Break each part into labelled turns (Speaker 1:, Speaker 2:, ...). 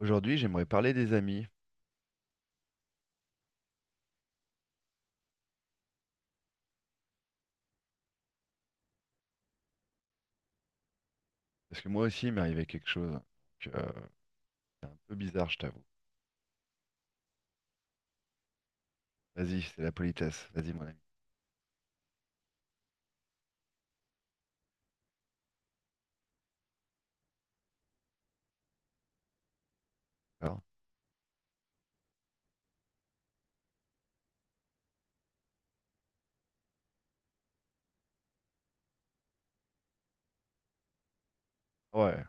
Speaker 1: Aujourd'hui, j'aimerais parler des amis, parce que moi aussi, il m'est arrivé quelque chose. Donc, c'est un peu bizarre, je t'avoue. Vas-y, c'est la politesse. Vas-y, mon ami. D'accord? Ouais,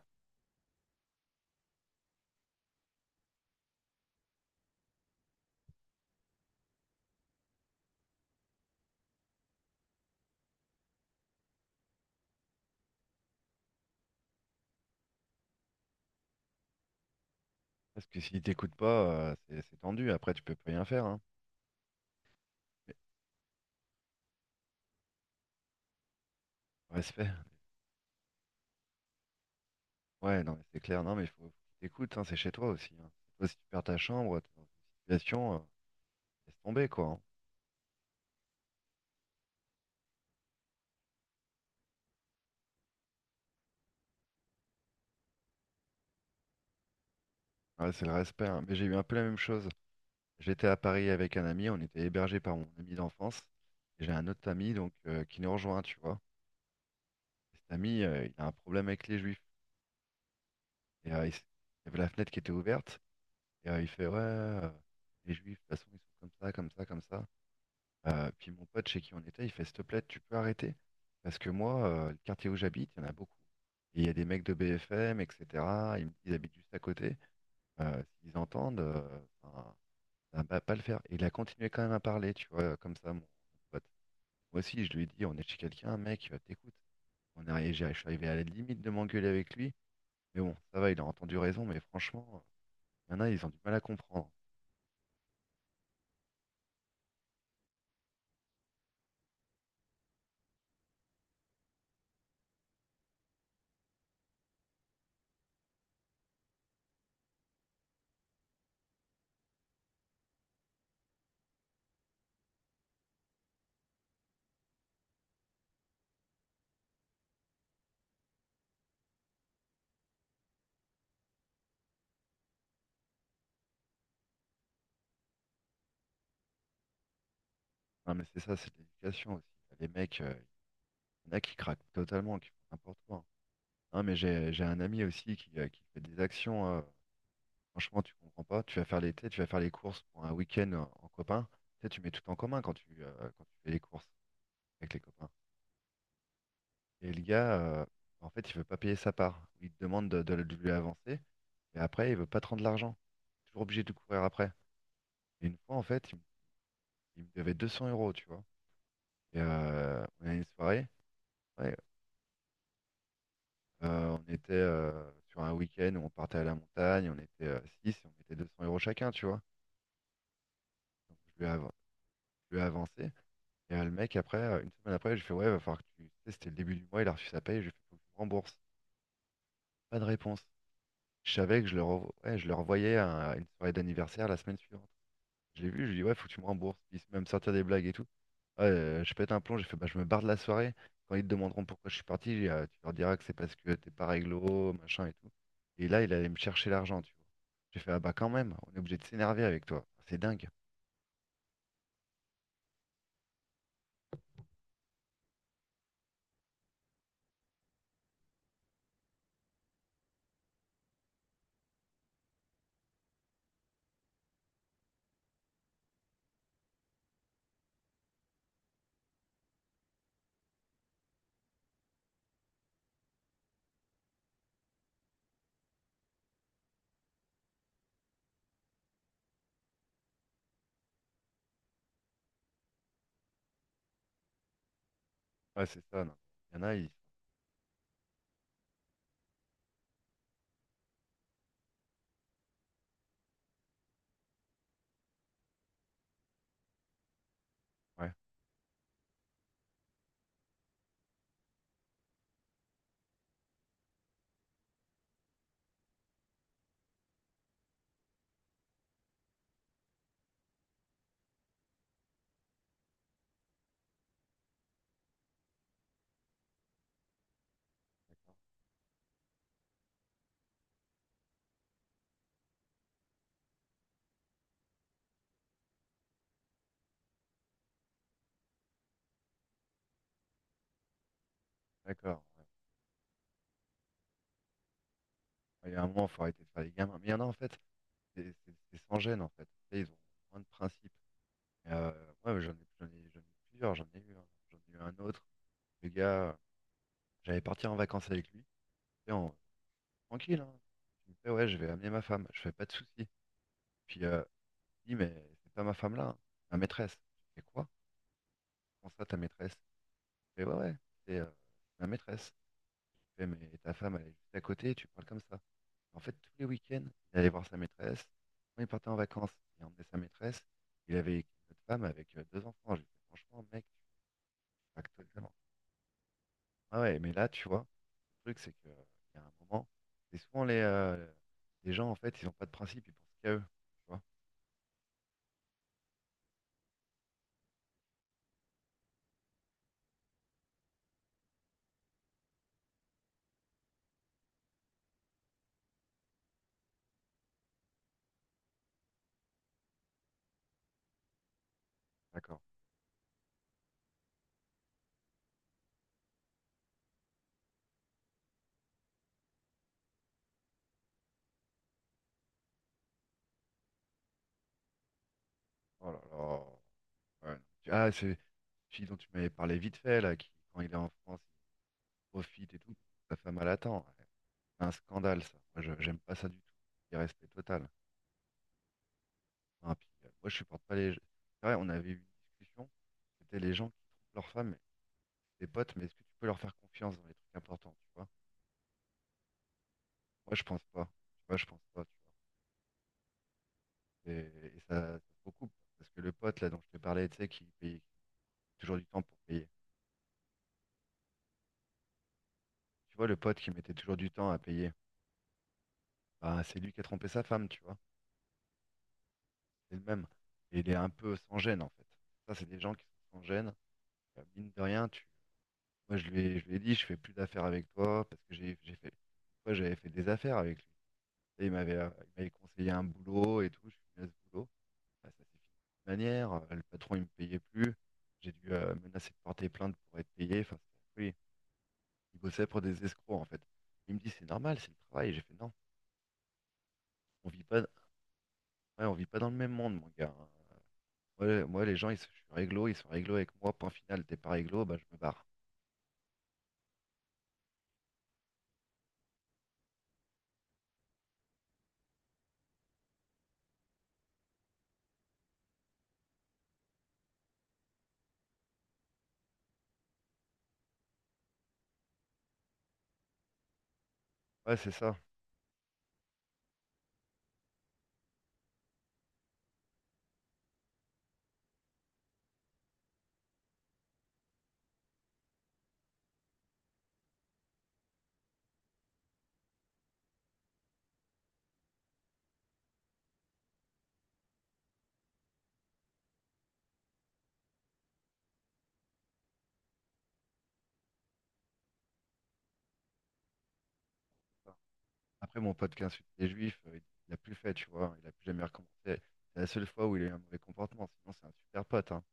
Speaker 1: parce que s'il t'écoute pas, c'est tendu. Après, tu peux plus rien faire. Hein. Mais, respect. Ouais, non, mais c'est clair. Non, mais il faut qu'il t'écoute, hein. C'est chez toi aussi, hein. Toi, si tu perds ta chambre, t'es dans une situation, laisse tomber, quoi. Hein. Ouais, c'est le respect, hein. Mais j'ai eu un peu la même chose. J'étais à Paris avec un ami. On était hébergé par mon ami d'enfance. Et j'ai un autre ami donc, qui nous rejoint, tu vois. Cet ami, il a un problème avec les juifs. Et il y avait la fenêtre qui était ouverte. Et il fait, ouais, les juifs, de toute façon, ils sont comme ça, comme ça, comme ça. Puis mon pote chez qui on était, il fait, s'il te plaît, tu peux arrêter. Parce que moi, le quartier où j'habite, il y en a beaucoup. Et il y a des mecs de BFM, etc. Disent, ils habitent juste à côté. S'ils entendent, enfin, ça va pas le faire. Et il a continué quand même à parler, tu vois, comme ça, mon pote. Moi aussi, je lui ai dit, on est chez quelqu'un, mec, t'écoutes. On est, arrivé- j'ai- Je suis arrivé à la limite de m'engueuler avec lui. Mais bon, ça va, il a entendu raison, mais franchement, il y en a, ils ont du mal à comprendre. Non, mais c'est ça, c'est de l'éducation aussi. Les mecs, il y en a qui craquent totalement, qui font n'importe quoi, hein. Non, mais j'ai un ami aussi qui fait des actions. Franchement, tu comprends pas. Tu vas faire l'été, tu vas faire les courses pour un week-end en copain. Tu sais, tu mets tout en commun quand tu fais les courses avec les copains. Et le gars, en fait, il veut pas payer sa part. Il te demande de lui avancer, et après, il veut pas te rendre l'argent. Toujours obligé de courir après. Et une fois, en fait, il me devait 200 euros, tu vois. Et, on a une soirée. Ouais, on était sur un week-end où on partait à la montagne, on était six et on mettait 200 euros chacun, tu vois. Donc, je lui ai avancé. Et le mec, après, une semaine après, j'ai fait, ouais, va falloir que tu. Tu sais, c'était le début du mois, il a reçu sa paye, j'ai fait, faut que tu me rembourses. Pas de réponse. Je savais que ouais, je le revoyais à une soirée d'anniversaire la semaine suivante. Je l'ai vu, je lui ai dit, ouais, faut que tu me rembourses. Il s'est même sortir des blagues et tout. Ouais, je pète un plomb, j'ai fait, bah, je me barre de la soirée. Quand ils te demanderont pourquoi je suis parti, tu leur diras que c'est parce que t'es pas réglo, machin et tout. Et là, il allait me chercher l'argent, tu vois. J'ai fait, ah bah quand même, on est obligé de s'énerver avec toi. C'est dingue. Ouais, c'est ça, non. Il y en a, ils. Ouais, d'accord, ouais. Ouais, il y a un moment, faut arrêter de faire les gamins. Mais il y en a, en fait, c'est sans gêne, en fait. Tu sais, ils ont moins de principes. Et, ouais, ouais, j'en ai eu plusieurs, j'en ai eu un. J'en ai eu un autre. Le gars, j'allais partir en vacances avec lui. Et tranquille, hein. Je me fais, ouais, je vais amener ma femme, je fais pas de soucis. Puis il dit, mais c'est pas ma femme là, hein, c'est ma maîtresse. Je fais quoi? Comment ça, ta maîtresse? Je fais, ouais, ouais, c'est ma maîtresse. Je fais, mais ta femme, elle est juste à côté, tu parles comme ça. En fait, tous les week-ends, il allait voir sa maîtresse. Quand il partait en vacances, il emmenait sa maîtresse. Il avait une autre femme avec deux enfants. Je lui fais, franchement, mec, tu craques totalement. Ah ouais, mais là, tu vois, le truc, c'est que, il y a un moment, c'est souvent les gens, en fait, ils ont pas de principe, ils pensent qu'à eux, tu vois. D'accord. Oh là là. Ouais, non. Ah, c'est une fille dont tu m'avais parlé vite fait, là, qui, quand il est en France, il profite et tout. Sa femme, elle attend. Ouais. C'est un scandale, ça. Moi, j'aime pas ça du tout. Irrespect total. Enfin, puis, moi, je supporte pas les. C'est vrai, on avait eu une discussion. C'était les gens qui trompent leur femme, des potes, mais est-ce que tu peux leur faire confiance dans les trucs importants, tu vois? Moi, je pense pas. Tu vois, je pense pas, tu vois. Et, ça, ça se recoupe. Parce que le pote, là, dont je te parlais, tu sais, qui paye toujours du temps pour payer. Tu vois, le pote qui mettait toujours du temps à payer. Bah, c'est lui qui a trompé sa femme, tu vois. C'est le même. Et il est un peu sans gêne, en fait. Ça, c'est des gens qui sont sans gêne. Mine de rien, tu... moi, je lui ai dit, je fais plus d'affaires avec toi parce que j'ai fait... moi j'avais fait des affaires avec lui. Et il m'avait conseillé un boulot et tout. Je lui ai dit, ce boulot. Bah, ça s'est fini de toute manière. Le patron, il me payait plus. J'ai dû menacer de porter plainte pour être payé. Enfin, oui, il bossait pour des escrocs, en fait. Il me dit, c'est normal, c'est le travail. J'ai fait, non, on vit pas, ouais, on vit pas dans le même monde, mon gars, hein. Moi, les gens, ils sont je suis réglo, ils sont réglo avec moi, point final, t'es pas réglo, bah, je me barre. Ouais, c'est ça. Après, mon pote qui insulte les juifs, il a plus fait, tu vois, il a plus jamais recommencé. C'est la seule fois où il a eu un mauvais comportement, sinon c'est un super pote, hein.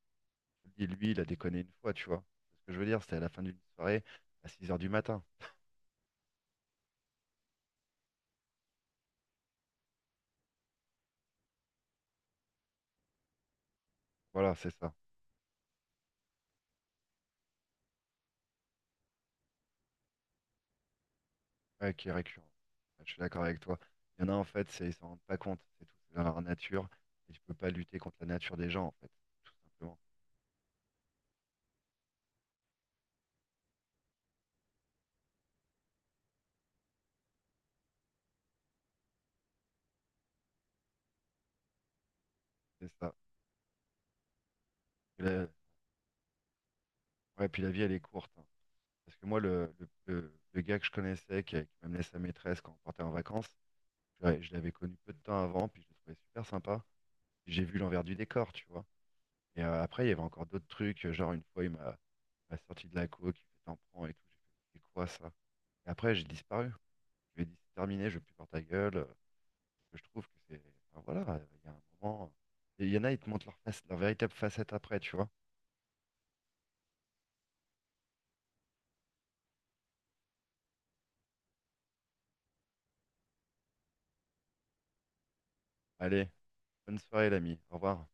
Speaker 1: Je te le dis, lui, il a déconné une fois, tu vois. C'est ce que je veux dire, c'était à la fin d'une soirée, à 6 heures du matin. Voilà, c'est ça. Ouais, qui est récurrent. Ouais, je suis d'accord avec toi. Il y en a, en fait, ils s'en rendent pas compte, c'est tout, c'est dans leur nature, et tu peux pas lutter contre la nature des gens, en fait, tout simplement. C'est ça. Et la. Ouais, puis la vie, elle est courte, hein. Parce que moi, le gars que je connaissais, qui m'a sa maîtresse quand on partait en vacances, je l'avais connu peu de temps avant, puis je le trouvais super sympa. J'ai vu l'envers du décor, tu vois. Et après, il y avait encore d'autres trucs, genre une fois, il m'a m'a sorti de la coke, il fait t'en prends et tout. J'ai fait, c'est quoi ça? Et après, j'ai disparu. Je lui ai dit, c'est terminé, je veux plus voir ta gueule. Parce que je trouve que c'est. Enfin, voilà, il y a un moment. Il y en a, ils te montrent leur face, leur véritable facette après, tu vois. Allez, bonne soirée, l'ami. Au revoir.